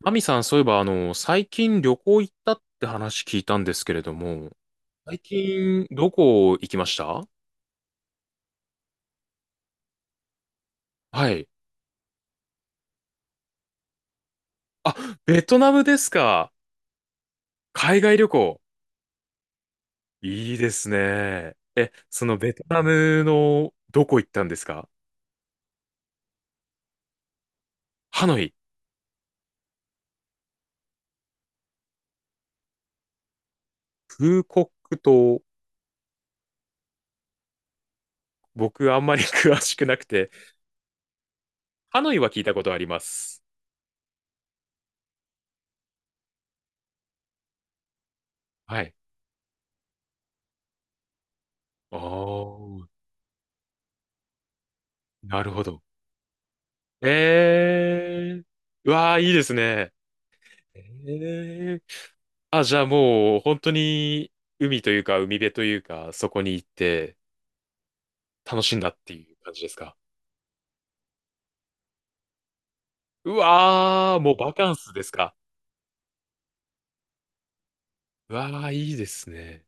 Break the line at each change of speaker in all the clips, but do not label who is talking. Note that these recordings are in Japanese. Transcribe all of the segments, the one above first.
マミさん、そういえば、最近旅行行ったって話聞いたんですけれども、最近、どこ行きました？はい。あ、ベトナムですか。海外旅行。いいですね。え、そのベトナムのどこ行ったんですか？ハノイ。フーコック島、僕あんまり 詳しくなくて、ハノイは聞いたことあります。はい。ああ、なるほど。ええー、うわあ、いいですね。ええ、あ、じゃあもう本当に海というか海辺というかそこに行って楽しんだっていう感じですか？うわー、もうバカンスですか？うわー、いいですね。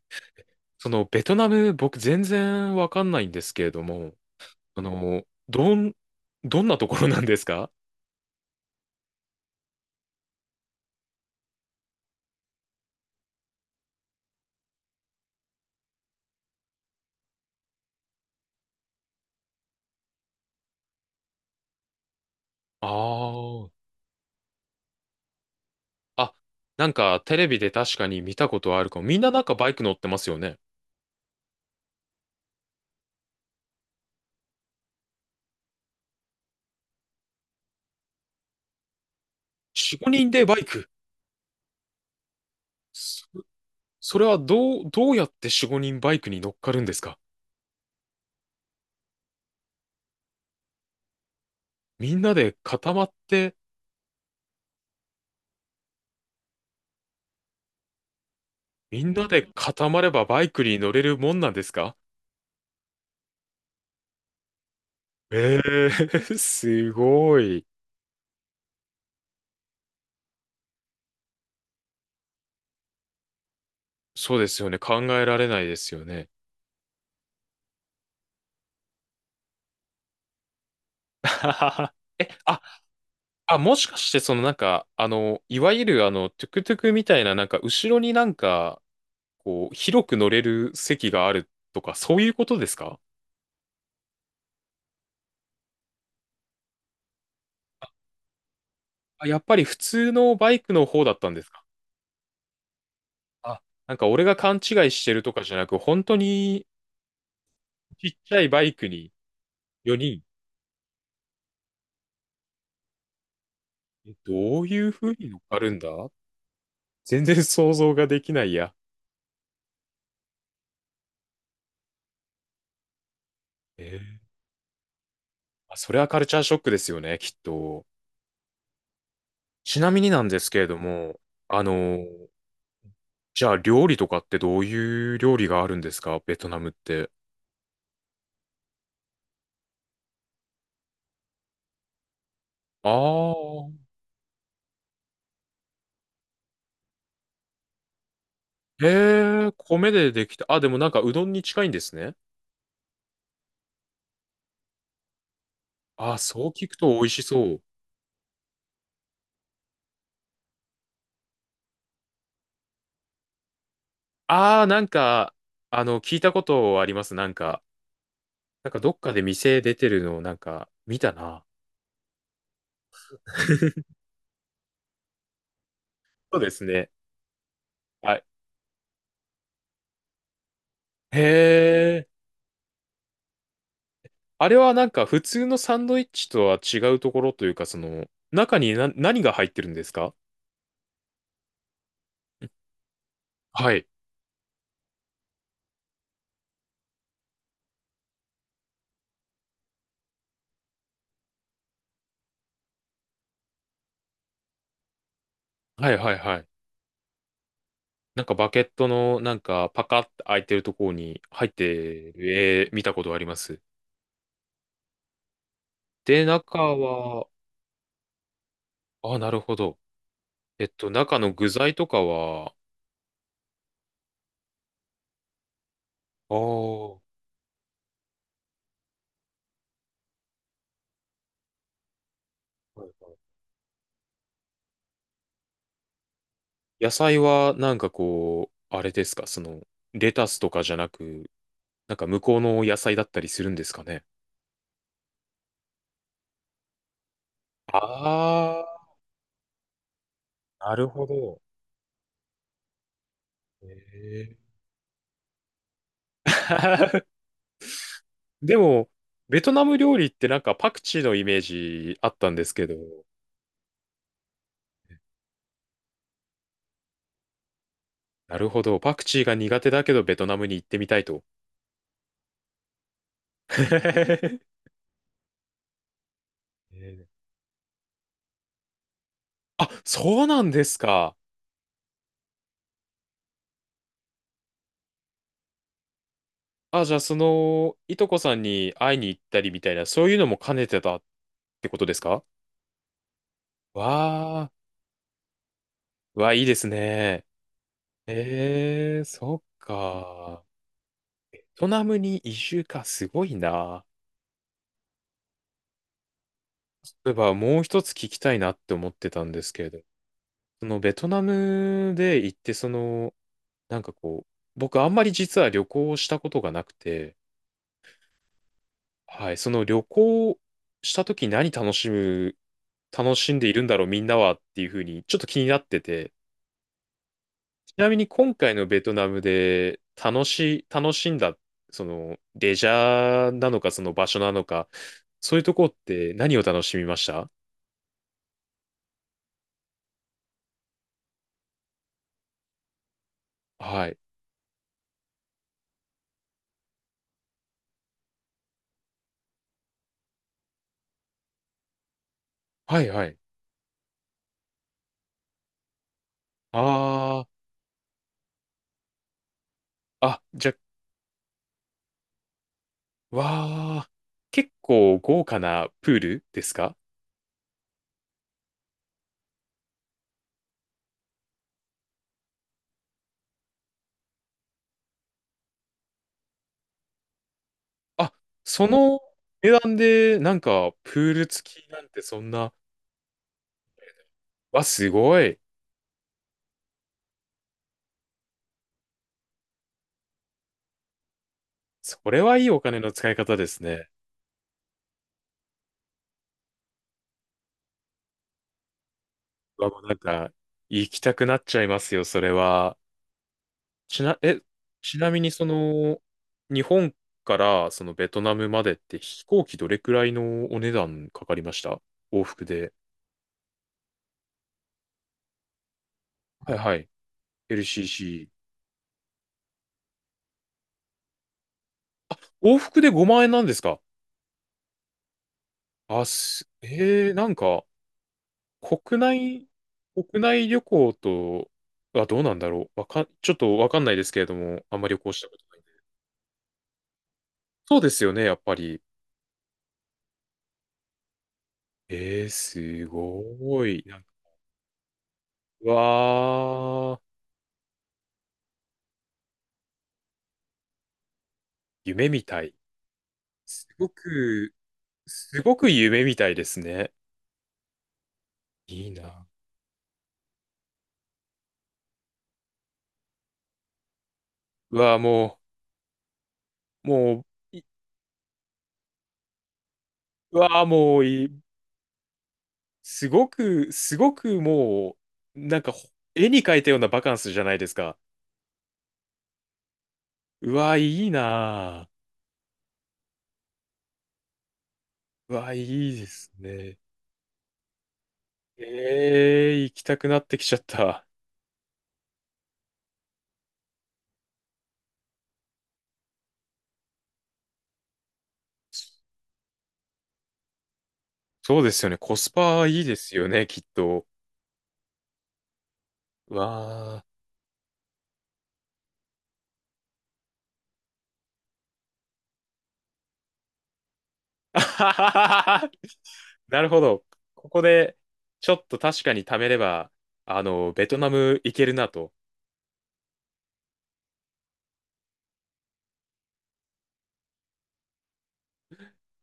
そのベトナム僕全然わかんないんですけれども、あの、どん、どんなところなんですか？あー。あ、なんかテレビで確かに見たことあるかも。みんななんかバイク乗ってますよね。4、5人でバイク。そ、それはどう、どうやって4、5人バイクに乗っかるんですか？みんなで固まって、みんなで固まればバイクに乗れるもんなんですか？ええー すごい。そうですよね。考えられないですよね。え、あ、あ、もしかして、いわゆるトゥクトゥクみたいな、なんか、後ろになんか、こう、広く乗れる席があるとか、そういうことですか？あ、やっぱり普通のバイクの方だったんですか？あ、なんか俺が勘違いしてるとかじゃなく、本当にちっちゃいバイクに4人、え、どういう風に乗っかるんだ。全然想像ができないや。えー、あ、それはカルチャーショックですよね、きっと。ちなみになんですけれども、あの、じゃあ料理とかってどういう料理があるんですかベトナムって。ああ、へえ、米でできた。あ、でもなんかうどんに近いんですね。あ、そう聞くと美味しそう。ああ、なんか、あの、聞いたことあります。なんか、なんかどっかで店出てるのをなんか見たな。そうですね。あ、へえ。あれはなんか普通のサンドイッチとは違うところというか、その、中にな、何が入ってるんですか？はい。はいはいはい。なんかバケットのなんかパカッて開いてるところに入ってる、えー、見たことあります。で、中は、あ、なるほど。えっと、中の具材とかは、ああ、はいはい。野菜はなんかこう、あれですか、その、レタスとかじゃなく、なんか向こうの野菜だったりするんですかね。あ、なるほど。えー でも、ベトナム料理ってなんかパクチーのイメージあったんですけど、なるほど。パクチーが苦手だけどベトナムに行ってみたいと。えー、あ、そうなんですか。あ、じゃあその、いとこさんに会いに行ったりみたいな、そういうのも兼ねてたってことですか？わあ、わー、いいですね。えー、そっか。ベトナムに移住か、すごいな。例えばもう一つ聞きたいなって思ってたんですけれど、そのベトナムで行って、その、なんかこう、僕あんまり実は旅行をしたことがなくて、はい、その旅行した時何楽しむ、楽しんでいるんだろうみんなはっていうふうにちょっと気になってて、ちなみに今回のベトナムで楽し、楽しんだ、そのレジャーなのかその場所なのか、そういうとこって何を楽しみました？はい。はいはい。ああ。あ、じゃあ、わあ、結構豪華なプールですか？あ、その値段でなんかプール付きなんてそんな、わ、すごい。それはいいお金の使い方ですね。わ、もうなんか行きたくなっちゃいますよ、それは。ちな、え、ちなみにその、日本からそのベトナムまでって飛行機どれくらいのお値段かかりました？往復で。はいはい。LCC。往復で5万円なんですか？あ、す、えー、なんか、国内、国内旅行とはどうなんだろう。わかん、ちょっとわかんないですけれども、あんまり旅行したことないんで。そうですよね、やっぱり。えー、すごい。なんか、うわー、夢みたい。すごく、すごく夢みたいですね。いいな。うわー、もう、もう、い、うわー、もういい。すごく、すごくもう、なんか、ほ、絵に描いたようなバカンスじゃないですか。うわー、いいなー。うわー、いいですね。ええ、行きたくなってきちゃった。そうですよね。コスパいいですよね、きっと。わあ。あはははは。なるほど。ここで、ちょっと確かに貯めれば、あの、ベトナム行けるなと。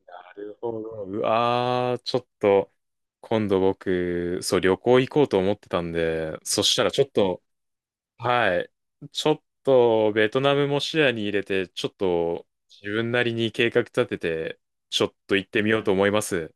なるほど。うわー、ちょっと、今度僕、そう、旅行行こうと思ってたんで、そしたらちょっと、はい。ちょっと、ベトナムも視野に入れて、ちょっと、自分なりに計画立てて、ちょっと行ってみようと思います。